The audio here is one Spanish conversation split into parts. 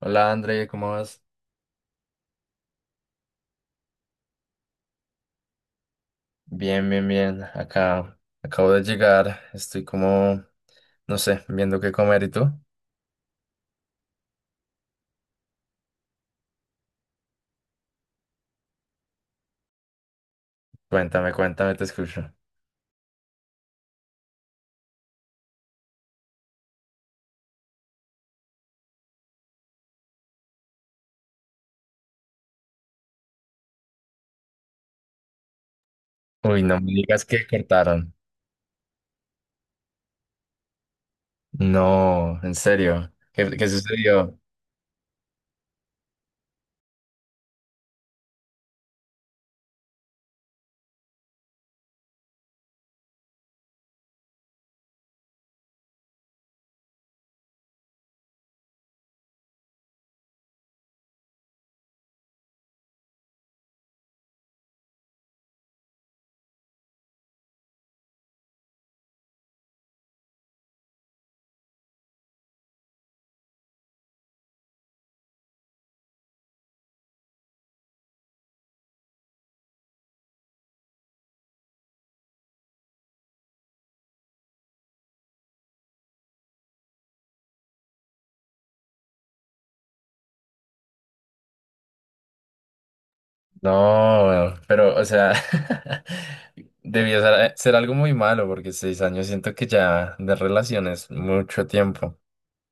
Hola André, ¿cómo vas? Bien, bien, bien. Acá acabo de llegar. Estoy como, no sé, viendo qué comer. ¿Y tú? Cuéntame, cuéntame, te escucho. Uy, no me digas que cortaron. No, en serio. ¿Qué sucedió? No, pero, o sea, debió ser algo muy malo porque 6 años siento que ya de relación es mucho tiempo.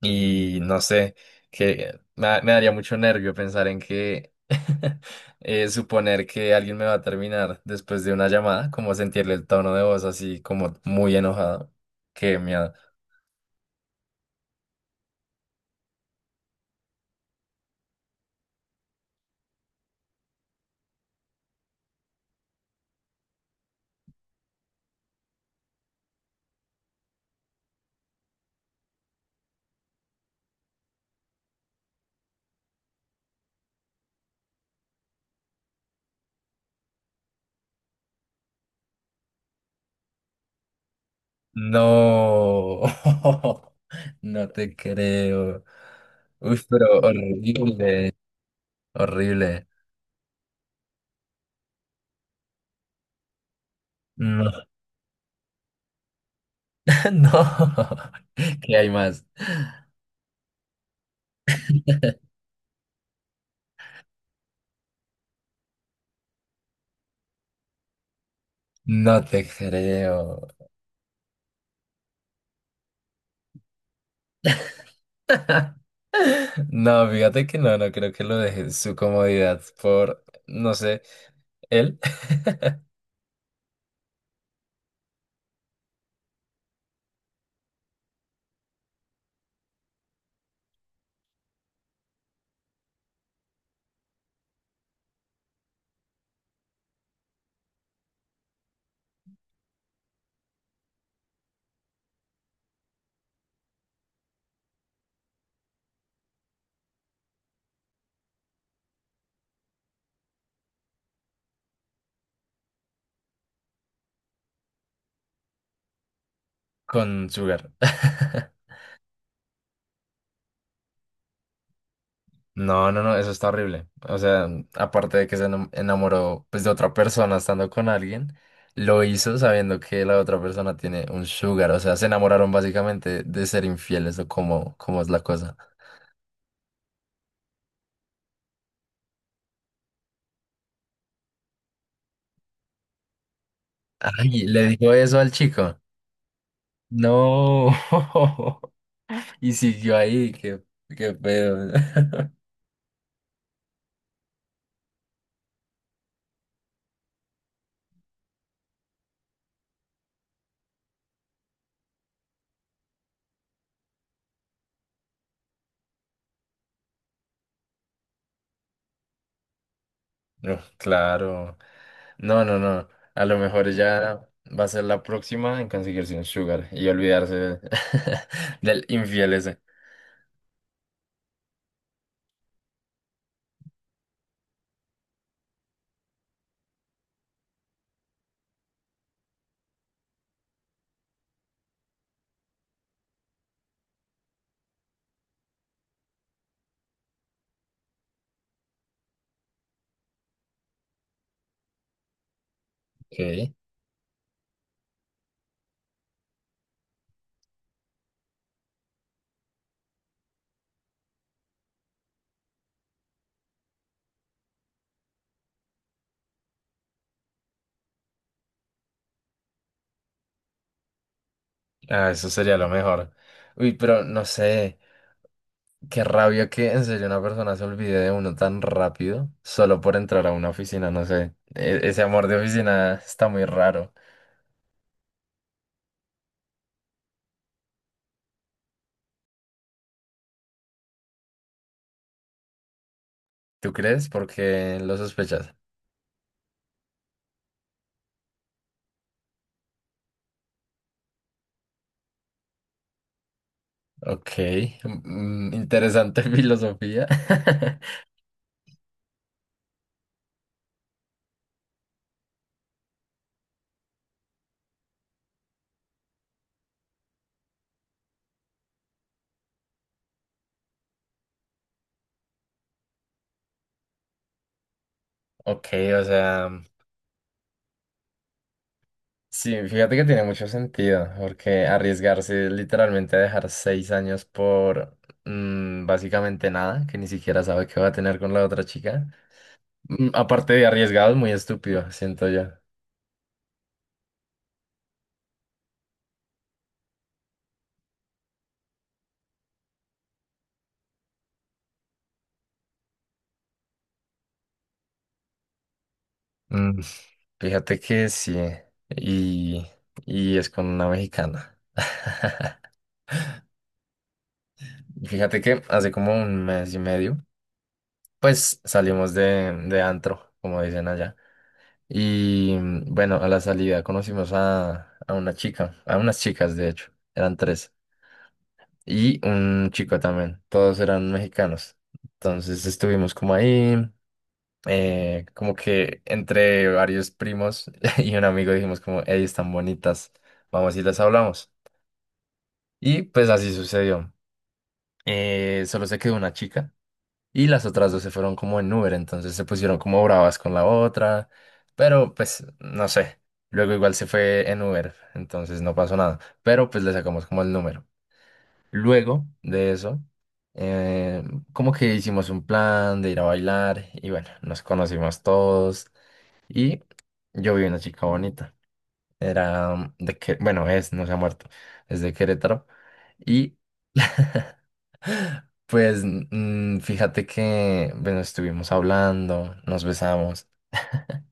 Y no sé, que me daría mucho nervio pensar en que suponer que alguien me va a terminar después de una llamada, como sentirle el tono de voz así como muy enojado. Qué miedo. No, no te creo. Uy, pero horrible, horrible. No, no. ¿Qué hay más? No te creo. No, fíjate que no, no creo que lo deje en su comodidad por, no sé, él con Sugar. No, no, no, eso está horrible. O sea, aparte de que se enamoró pues de otra persona estando con alguien, lo hizo sabiendo que la otra persona tiene un Sugar. O sea, se enamoraron básicamente de ser infieles o cómo, cómo es la cosa. Ay, le dijo eso al chico. No. Y siguió ahí, qué pedo. Uf, claro. No, no, no. A lo mejor ella va a ser la próxima en conseguirse un sugar y olvidarse del infiel ese. Ok. Ah, eso sería lo mejor. Uy, pero no sé. Qué rabia que en serio una persona se olvide de uno tan rápido solo por entrar a una oficina, no sé. Ese amor de oficina está muy raro. ¿Tú crees? Porque lo sospechas. Ok. Interesante filosofía. Ok, o sea. Sí, fíjate que tiene mucho sentido, porque arriesgarse es literalmente a dejar 6 años por básicamente nada, que ni siquiera sabe qué va a tener con la otra chica, aparte de arriesgado, es muy estúpido, siento yo. Mm, Fíjate que sí, y, y es con una mexicana. Fíjate que hace como un mes y medio, pues salimos de antro, como dicen allá. Y bueno, a la salida conocimos a unas chicas de hecho, eran tres, y un chico también, todos eran mexicanos. Entonces estuvimos como ahí, como que entre varios primos y un amigo dijimos como, hey, están bonitas, vamos y les hablamos. Y pues así sucedió. Solo se quedó una chica. Y las otras dos se fueron como en Uber, entonces se pusieron como bravas con la otra, pero pues no sé. Luego igual se fue en Uber, entonces no pasó nada, pero pues le sacamos como el número. Luego de eso, eh, como que hicimos un plan de ir a bailar y bueno, nos conocimos todos y yo vi una chica bonita. Era de que, bueno, es, no se ha muerto, es de Querétaro y pues fíjate que, bueno, estuvimos hablando, nos besamos.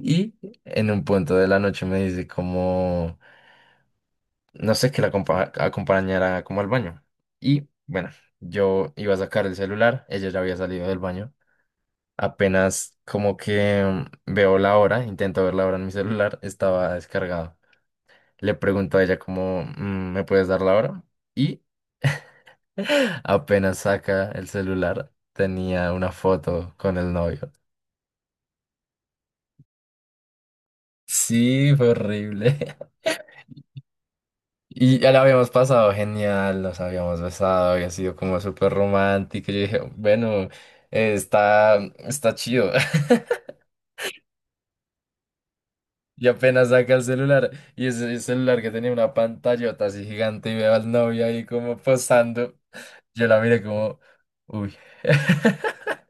Y en un punto de la noche me dice como, no sé, que la acompañara como al baño. Y bueno, yo iba a sacar el celular, ella ya había salido del baño. Apenas como que veo la hora, intento ver la hora en mi celular, estaba descargado. Le pregunto a ella como, ¿Me puedes dar la hora?" Apenas saca el celular, tenía una foto con el novio. Sí, fue horrible. Y ya la habíamos pasado genial, nos habíamos besado, había sido como súper romántico. Yo dije, bueno, eh, está, está chido. Y apenas saca el celular, y ese celular que tenía una pantallota así gigante, y veo al novio ahí como posando. Yo la miré como, uy.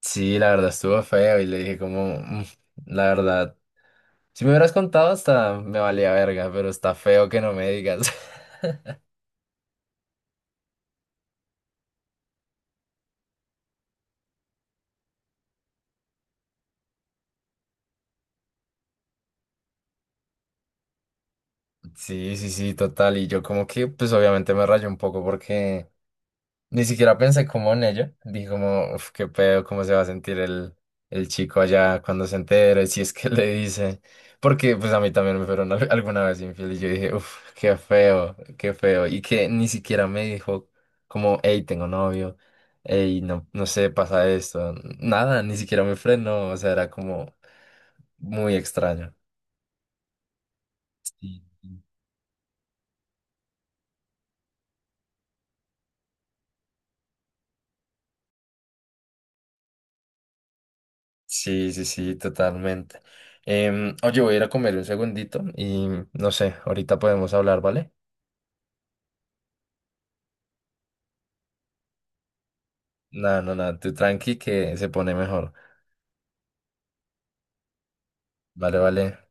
Sí, la verdad estuvo feo, y le dije como, la verdad, si me hubieras contado, hasta me valía verga, pero está feo que no me digas." Sí, sí, sí, total. Y yo como que, pues obviamente me rayo un poco porque ni siquiera pensé como en ello. Dije como, uf, qué pedo, cómo se va a sentir el chico allá cuando se entere, si es que le dice. Porque pues a mí también me fueron alguna vez infiel y yo dije, uf, qué feo, qué feo. Y que ni siquiera me dijo como, hey, tengo novio, hey, no, no sé, pasa esto. Nada, ni siquiera me frenó. O sea, era como... muy extraño. Sí. Sí, sí, sí, totalmente. Oye, voy a ir a comer un segundito y no sé, ahorita podemos hablar, ¿vale? Nada, no, nada, tú tranqui que se pone mejor. Vale, vale.